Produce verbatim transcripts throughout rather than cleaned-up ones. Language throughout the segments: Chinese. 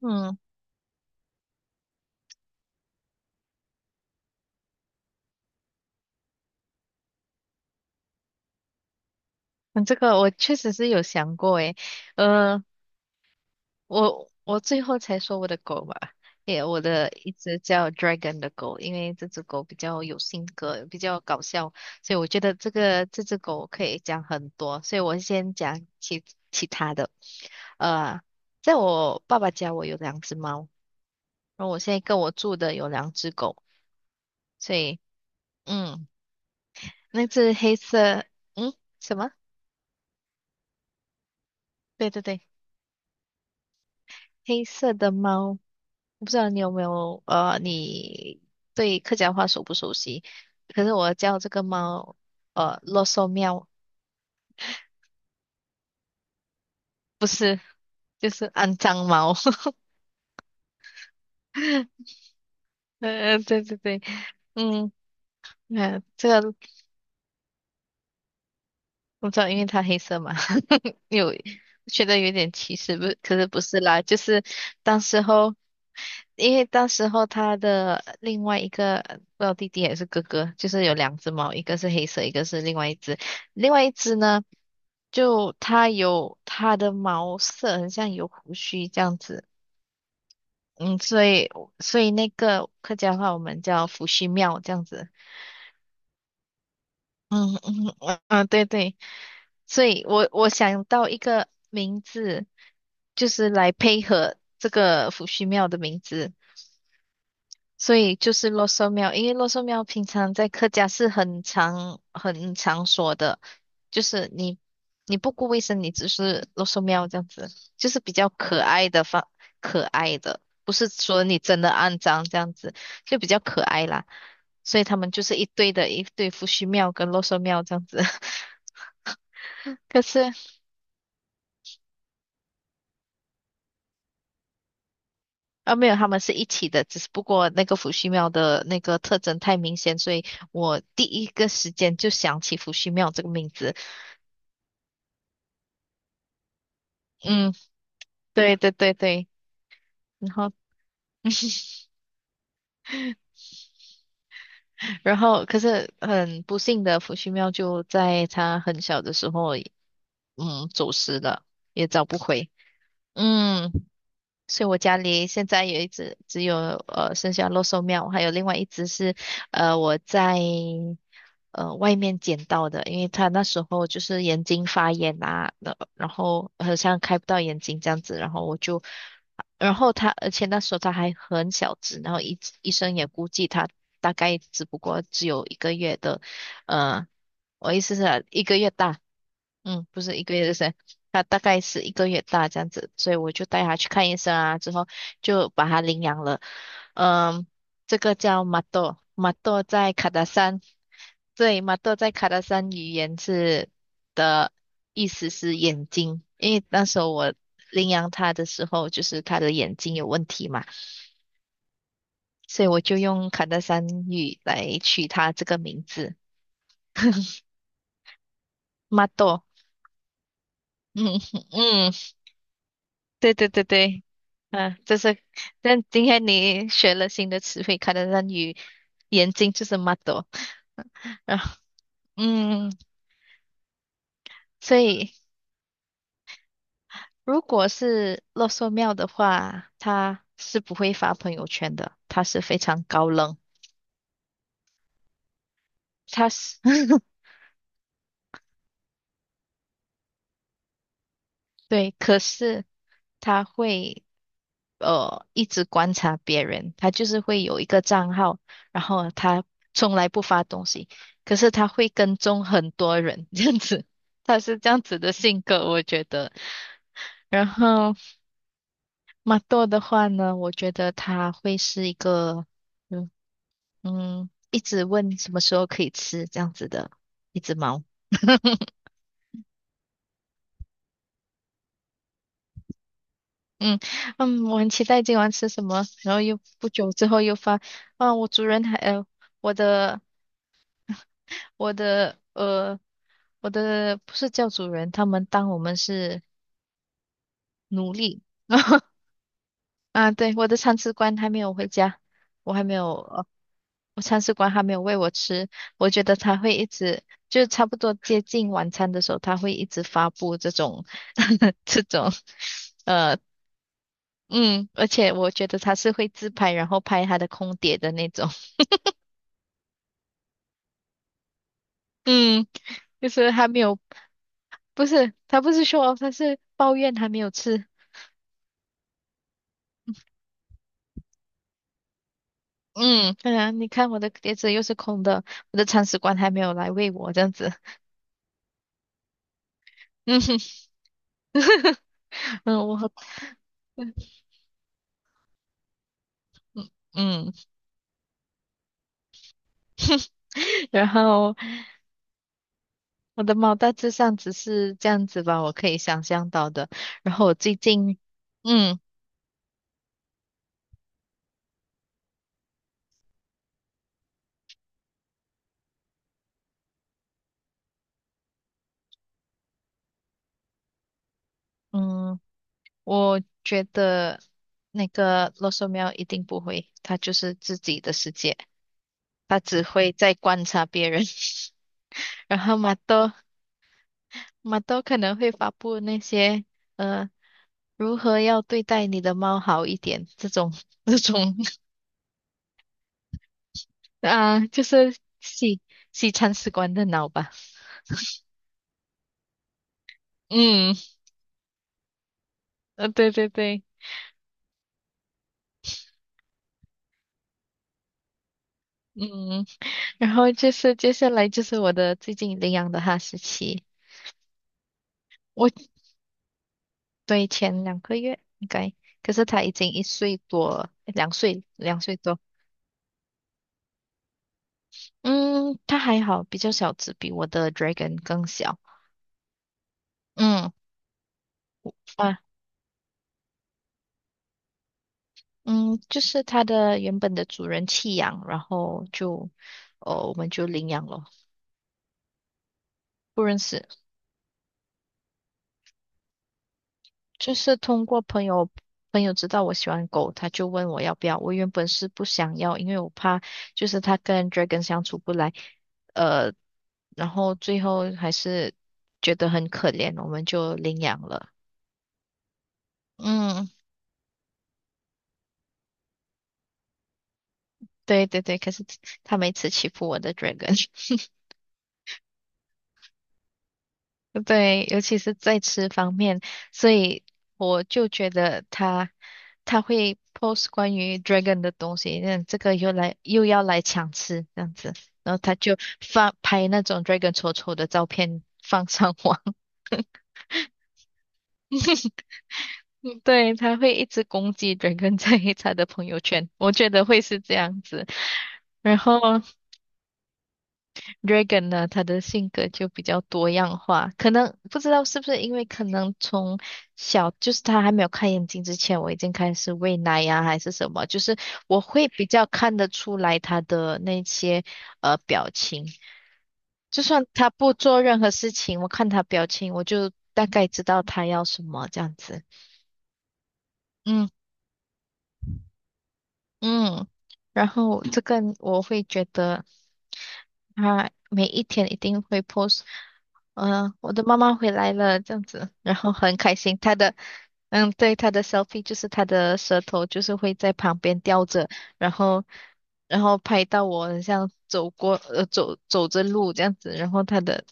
嗯，嗯这个我确实是有想过诶。呃，我我最后才说我的狗吧，也我的一只叫 Dragon 的狗，因为这只狗比较有性格，比较搞笑，所以我觉得这个这只狗可以讲很多，所以我先讲其其他的。呃，在我爸爸家我有两只猫，然后我现在跟我住的有两只狗，所以嗯，那只黑色。嗯，什么？对对对，黑色的猫。我不知道你有没有呃，你对客家话熟不熟悉？可是我叫这个猫呃啰嗦喵，不是，就是肮脏猫。呃，对对对。嗯，嗯，这个。我知道，因为它黑色嘛。有觉得有点歧视。不，可是不是啦，就是当时候，因为当时候他的另外一个不知道弟弟还是哥哥，就是有两只猫，一个是黑色，一个是另外一只。另外一只呢，就它有它的毛色很像有胡须这样子。嗯，所以所以那个客家话我们叫胡须庙这样子。嗯嗯嗯，嗯对对，所以我我想到一个名字，就是来配合这个伏羲庙的名字，所以就是洛寿庙。因为洛寿庙平常在客家是很常很常说的，就是你你不顾卫生，你只是洛寿庙这样子，就是比较可爱的方可爱的。不是说你真的肮脏这样子，就比较可爱啦。所以他们就是一堆的一对伏羲庙跟洛寿庙这样子。可是啊，没有，他们是一起的，只是不过那个伏羲庙的那个特征太明显，所以我第一个时间就想起伏羲庙这个名字。嗯，对对对对。然后，然后，可是很不幸的，伏羲庙就在他很小的时候，嗯，走失了，也找不回。嗯。所以我家里现在有一只，只有呃剩下肉兽喵，还有另外一只是呃我在呃外面捡到的，因为他那时候就是眼睛发炎啊，呃然后好像开不到眼睛这样子。然后我，就，然后他，而且那时候他还很小只，然后医医生也估计他大概只不过只有一个月的。嗯，我意思是一个月大。嗯，不是一个月，就是他大概是一个月大这样子，所以我就带他去看医生啊，之后就把他领养了。嗯，这个叫马豆，马豆在卡达山。对，马豆在卡达山语言是的意思是眼睛，因为那时候我领养他的时候，就是他的眼睛有问题嘛，所以我就用卡达山语来取他这个名字，马豆。嗯嗯，对对对对。啊，就是，但今天你学了新的词汇，可能让你眼睛就是 m 多。然后嗯，所以如果是洛寿庙的话，他是不会发朋友圈的，他是非常高冷，他是 对，可是他会。呃一直观察别人，他就是会有一个账号，然后他从来不发东西，可是他会跟踪很多人，这样子。他是这样子的性格，我觉得。然后马豆的话呢，我觉得他会是一个，嗯嗯，一直问什么时候可以吃这样子的一只猫。嗯嗯，我很期待今晚吃什么，然后又不久之后又发。啊，我主人还呃，我的 我的呃，我的不是教主人，他们当我们是奴隶。啊，对，我的铲屎官还没有回家，我还没有，呃，我铲屎官还没有喂我吃。我觉得他会一直，就差不多接近晚餐的时候，他会一直发布这种 这种。呃，嗯，而且我觉得他是会自拍，然后拍他的空碟的那种。嗯，就是还没有。不是，他不是说他是抱怨还没有吃。嗯，对啊，你看我的碟子又是空的，我的铲屎官还没有来喂我，这样子。嗯哼。嗯，我好嗯嗯，然后我的猫大致上只是这样子吧，我可以想象到的。然后我最近，嗯嗯，我觉得那个罗嗦喵一定不会，它就是自己的世界，它只会在观察别人。然后马豆马豆可能会发布那些。呃如何要对待你的猫好一点？这种 这种啊，就是西西餐史官的脑吧。嗯，呃，对对对。嗯，然后就是接下来就是我的最近领养的哈士奇。我对，前两个月应该，可是它已经一岁多了两岁两岁多。嗯，它还好，比较小只，比我的 dragon 更小。嗯，嗯，就是它的原本的主人弃养，然后就，哦，我们就领养了。不认识，就是通过朋友，朋友知道我喜欢狗，他就问我要不要。我原本是不想要，因为我怕就是它跟 Dragon 相处不来。呃，然后最后还是觉得很可怜，我们就领养了。嗯，对对对，可是它每次欺负我的 Dragon。对，尤其是在吃方面，所以我就觉得他他会 post 关于 dragon 的东西，那这个又来又要来抢吃这样子。然后他就发拍那种 dragon 丑丑的照片放上网。嗯对，他会一直攻击 dragon 在他的朋友圈，我觉得会是这样子。然后 Regan 呢，他的性格就比较多样化，可能不知道是不是因为可能从小就是他还没有开眼睛之前，我已经开始喂奶呀、还是什么，就是我会比较看得出来他的那些呃表情，就算他不做任何事情，我看他表情，我就大概知道他要什么这样子。嗯。嗯，然后这个我会觉得他每一天一定会 post。呃，我的妈妈回来了这样子，然后很开心。他的，嗯，对，他的 selfie 就是他的舌头就是会在旁边吊着，然后然后拍到我很像走过呃走走着路这样子，然后他的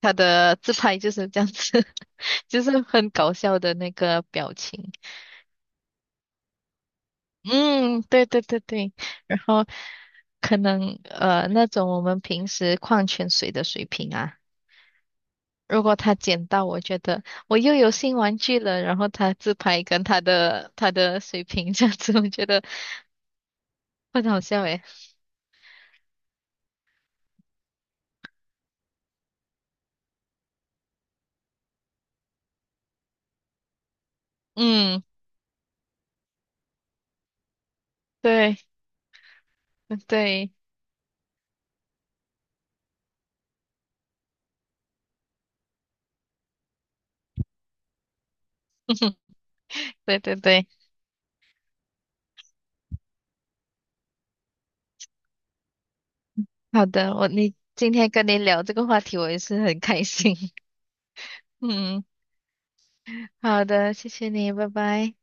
他的自拍就是这样子。就是很搞笑的那个表情。嗯，对对对对，然后可能呃那种我们平时矿泉水的水瓶啊，如果他捡到，我觉得我又有新玩具了，然后他自拍跟他的他的水瓶 这样子，我觉得很好笑诶。嗯，对对 对对对，好的，我你今天跟你聊这个话题，我也是很开心。嗯，好的，谢谢你，拜拜。